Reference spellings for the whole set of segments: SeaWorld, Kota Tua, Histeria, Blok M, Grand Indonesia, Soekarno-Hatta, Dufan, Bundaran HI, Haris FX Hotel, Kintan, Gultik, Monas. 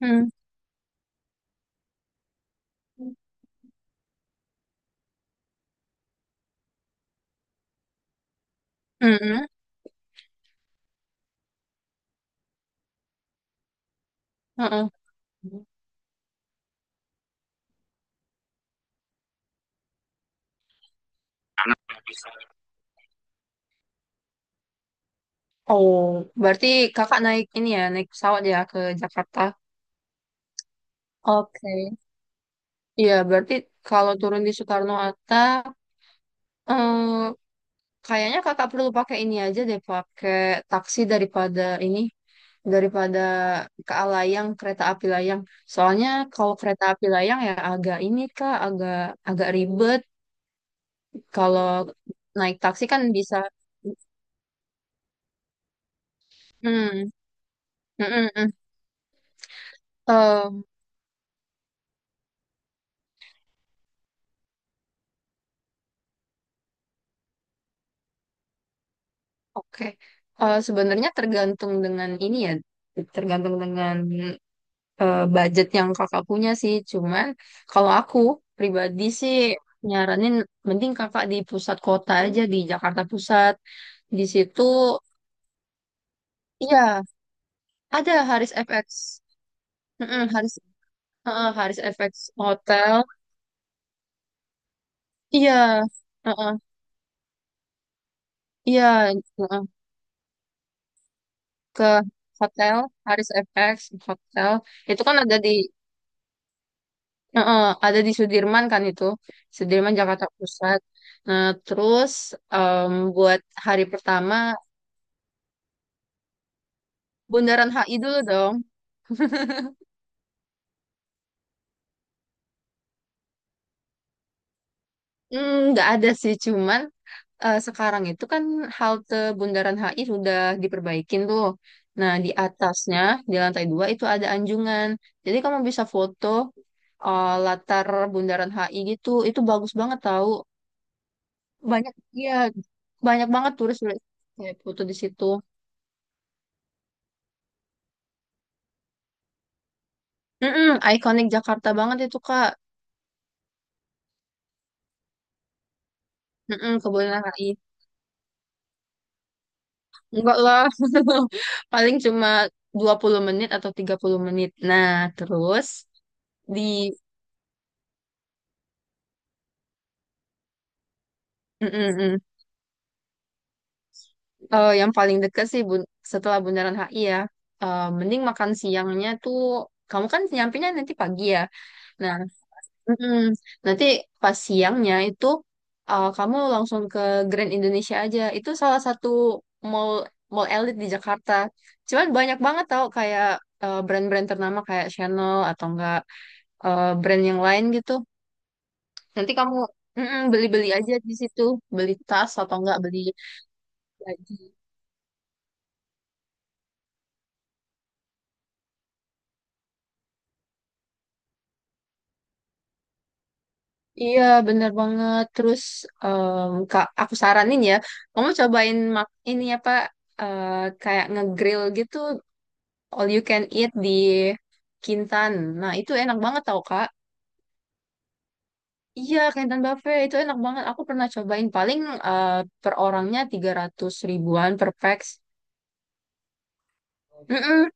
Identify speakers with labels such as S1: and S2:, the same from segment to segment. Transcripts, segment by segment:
S1: Hmm. Hmm. Heeh. Oh, berarti kakak naik ini ya, naik pesawat ya ke Jakarta. Oke. Iya, berarti kalau turun di Soekarno-Hatta, eh, kayaknya kakak perlu pakai ini aja deh, pakai taksi daripada ini, daripada ke Alayang, kereta api layang. Soalnya kalau kereta api layang ya agak ini kak, agak agak ribet. Kalau naik taksi kan bisa. Hmm. Mm. Mm. Mm. Eh, oke. Sebenarnya tergantung dengan ini ya, tergantung dengan budget yang kakak punya sih. Cuman kalau aku pribadi sih nyaranin mending kakak di pusat kota aja di Jakarta Pusat. Di situ, iya, ada Haris FX. Mm-mm. Haris FX Hotel. Iya. eh, iya. eh, ke hotel Haris FX Hotel itu kan ada di, heeh, ada di Sudirman kan itu, Sudirman Jakarta Pusat. Nah, terus buat hari pertama Bundaran HI dulu dong. Hmm, nggak ada sih, cuman sekarang itu kan halte Bundaran HI sudah diperbaikin tuh. Nah, di atasnya, di lantai 2 itu ada anjungan. Jadi kamu bisa foto latar Bundaran HI gitu. Itu bagus banget tahu. Banyak, iya, banyak banget turis-turis kayak foto di situ. Mm-mm, ikonik Jakarta banget itu, Kak. Mm-mm, Kebonanas AI. Enggak lah. Paling cuma 20 menit atau 30 menit. Nah, terus di, mm-mm, mm. Yang paling dekat sih setelah Bundaran HI ya. Mending makan siangnya tuh kamu kan nyampenya nanti pagi ya. Nah. Mm-mm. Nanti pas siangnya itu kamu langsung ke Grand Indonesia aja. Itu salah satu mall mall elit di Jakarta. Cuman banyak banget tau kayak brand-brand ternama kayak Chanel atau enggak brand yang lain gitu. Nanti kamu, mm-mm, beli-beli aja di situ, beli tas atau enggak beli baju. Iya, bener banget. Terus um, Kak, aku saranin ya, kamu cobain ini apa uh, kayak ngegrill gitu all you can eat di Kintan. Nah, itu enak banget tau, Kak. Iya, Kintan Buffet itu enak banget. Aku pernah cobain paling eh, per orangnya 300 ribuan per pax. Mm-mm.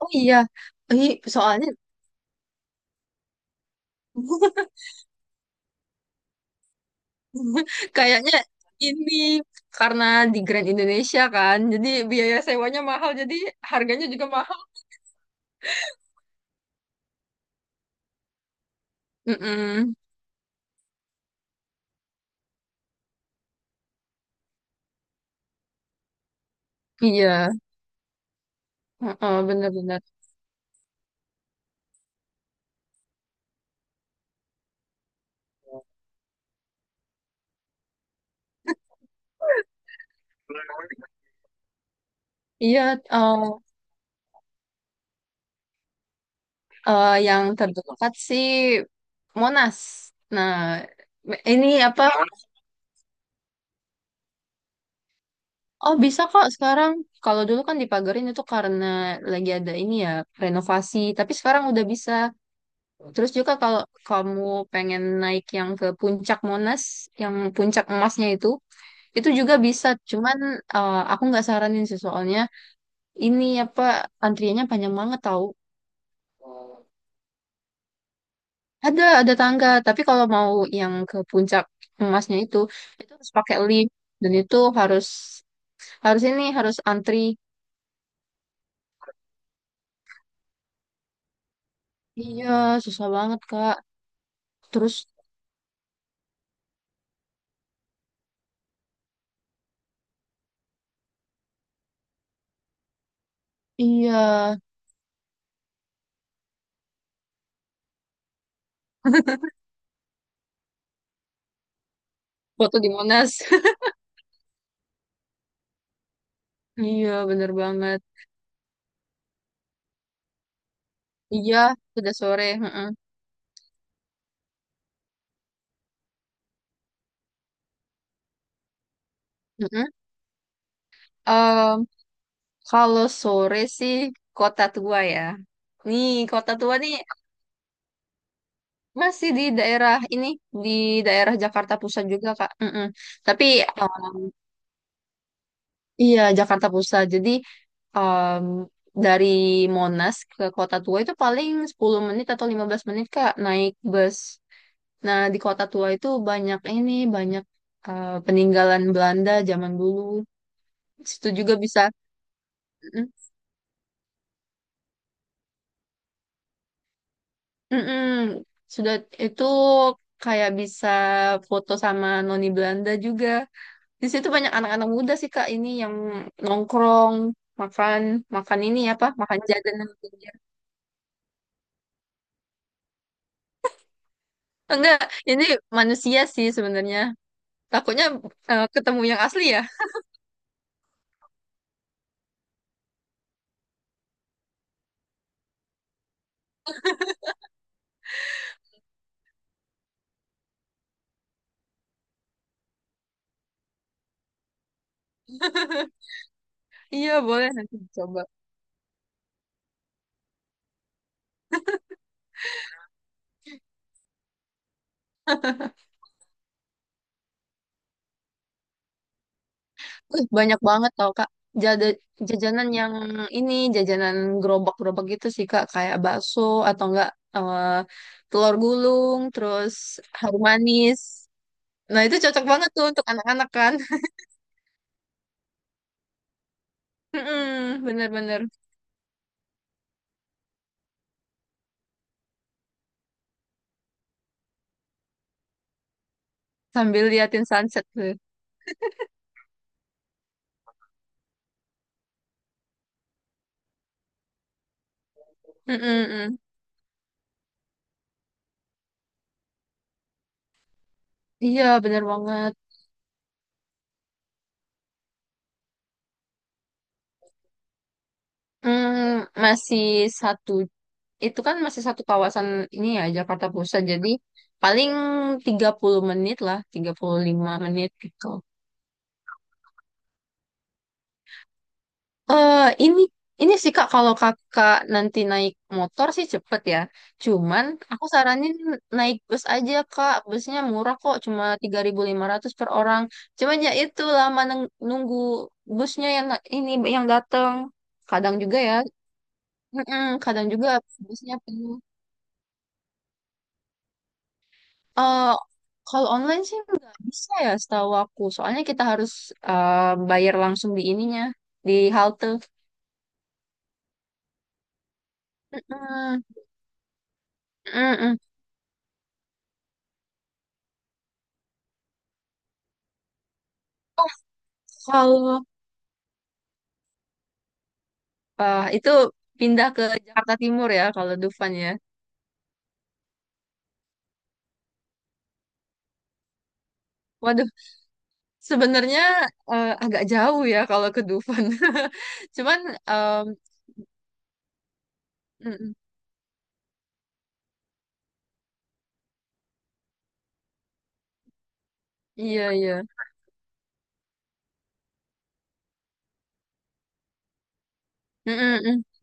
S1: Oh iya. Ih, soalnya kayaknya ini karena di Grand Indonesia kan, jadi biaya sewanya mahal, jadi harganya juga mahal. Mm-mm. Iya. Heeh, bener-bener. Iya. eh, yang terdekat sih Monas. Nah, ini apa? Oh, bisa kok sekarang. Kalau dulu kan dipagarin itu karena lagi ada ini ya, renovasi. Tapi sekarang udah bisa. Terus juga kalau kamu pengen naik yang ke puncak Monas, yang puncak emasnya itu juga bisa. Cuman aku nggak saranin sih soalnya ini apa antriannya panjang banget tahu. Ada tangga. Tapi kalau mau yang ke puncak emasnya itu harus pakai lift. Dan itu harus ini, harus antri. Iya, susah banget, Kak. Terus, iya, foto di Monas. Iya, bener banget. Iya, sudah sore. Heeh. Heeh. Em, kalau sore sih kota tua ya. Nih, kota tua nih masih di daerah ini, di daerah Jakarta Pusat juga, Kak. Mm-mm. Tapi iya, Jakarta Pusat. Jadi em, dari Monas ke Kota Tua itu paling 10 menit atau 15 menit Kak naik bus. Nah, di Kota Tua itu banyak ini, banyak peninggalan Belanda zaman dulu. Di situ juga bisa, mm, mm-mm, sudah itu kayak bisa foto sama noni Belanda juga. Di situ banyak anak-anak muda sih Kak ini yang nongkrong, makan makan ini apa? Makan jajanan. Enggak, ini manusia sih sebenarnya. Takutnya ketemu yang asli ya. Iya, boleh nanti dicoba. Wih, banyak banget tau, Kak. Jada, jajanan yang ini, jajanan gerobak-gerobak gitu sih, Kak. Kayak bakso atau enggak eh, telur gulung, terus harum manis. Nah, itu cocok banget tuh untuk anak-anak kan. Mm-mm. Bener-bener. Sambil liatin sunset tuh. Mm-mm-mm. Iya, bener banget. Hmm, masih satu, itu kan masih satu kawasan ini ya Jakarta Pusat jadi paling 30 menit lah 35 menit gitu. eh ini ini sih Kak kalau Kakak nanti naik motor sih cepet ya cuman aku saranin naik bus aja Kak busnya murah kok cuma 3.500 per orang cuman ya itu lama nunggu busnya yang ini yang datang kadang juga ya, mm-mm, kadang juga busnya penuh. Eh, kalau online sih nggak bisa ya setahu aku. Soalnya kita harus eh, bayar langsung di ininya, di halte. Mm-mm. Mm-mm. Kalau itu pindah ke Jakarta Timur ya kalau Dufan ya. Waduh, sebenarnya agak jauh ya kalau ke Dufan. Cuman em, mm-mm. Iya iya. Mm-mm, mm.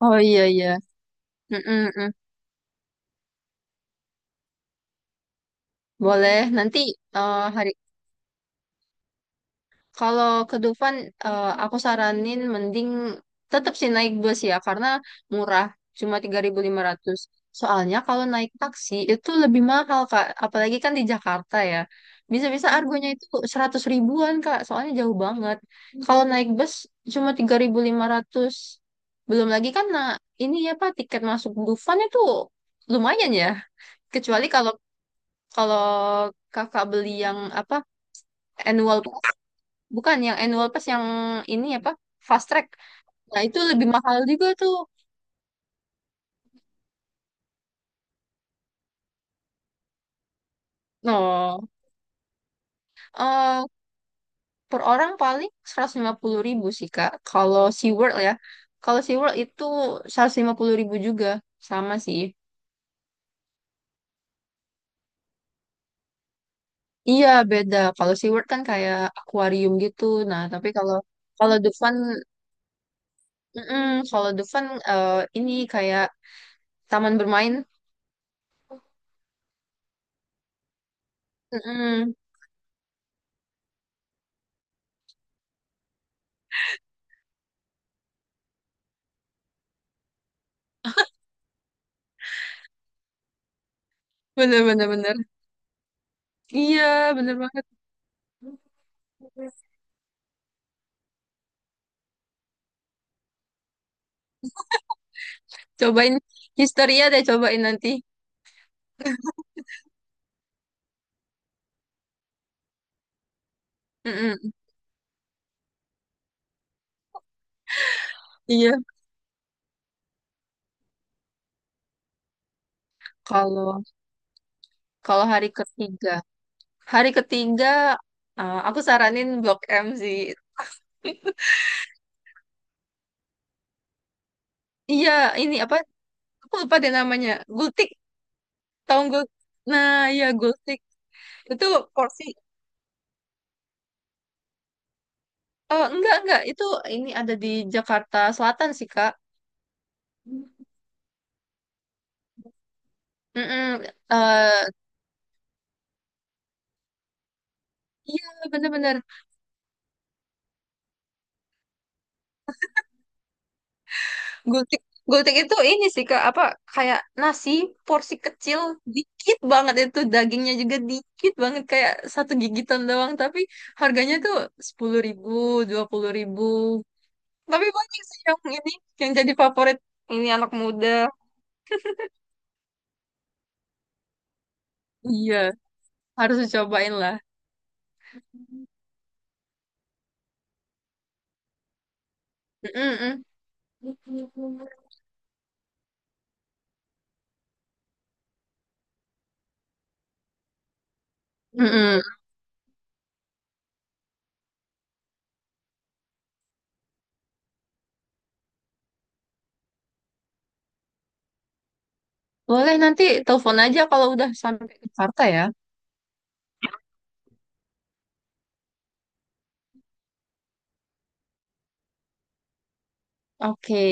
S1: Oh iya iya. Mm-mm, mm. Boleh nanti. Eh, hari Kalau ke Dufan, aku saranin mending tetap sih naik bus ya, karena murah, cuma 3.500. Soalnya kalau naik taksi itu lebih mahal, Kak. Apalagi kan di Jakarta ya. Bisa-bisa argonya itu 100 ribuan, Kak. Soalnya jauh banget. Kalau naik bus cuma 3.500. Belum lagi kan, nah, ini ya, Pak, tiket masuk Dufan itu lumayan ya. Kecuali kalau kalau kakak beli yang apa annual. Bukan yang annual pass yang ini apa? Fast track. Nah, itu lebih mahal juga tuh. Oh, eh, per orang paling 150.000 sih, Kak. Kalau SeaWorld ya. Kalau SeaWorld itu 150.000 juga. Sama sih. Iya, beda. Kalau SeaWorld kan kayak akuarium gitu. Nah, tapi kalau kalau Dufan, mm kalau Dufan eh, ini kayak taman bermain. Mm-mm. Bener, bener, bener. Iya, bener banget. Cobain Histeria deh, cobain nanti. Mm-mm. Iya. Kalau kalau hari ketiga, hari ketiga, aku saranin Blok M sih. Iya, ini apa? Aku lupa deh namanya. Gultik, tahu gul? Nah, iya Gultik. Itu porsi. Oh, enggak enggak. Itu ini ada di Jakarta Selatan sih, Kak. Mm-mm. Eh, iya, bener-bener. Gultik, gultik itu ini sih Kak, apa kayak nasi porsi kecil, dikit banget itu dagingnya juga dikit banget kayak satu gigitan doang, tapi harganya tuh 10.000, 20.000. Tapi banyak sih yang ini yang jadi favorit ini anak muda. Iya, harus dicobain lah. Mm-mm. Mm-mm. Boleh nanti telepon aja kalau udah sampai ke Jakarta ya. Oke.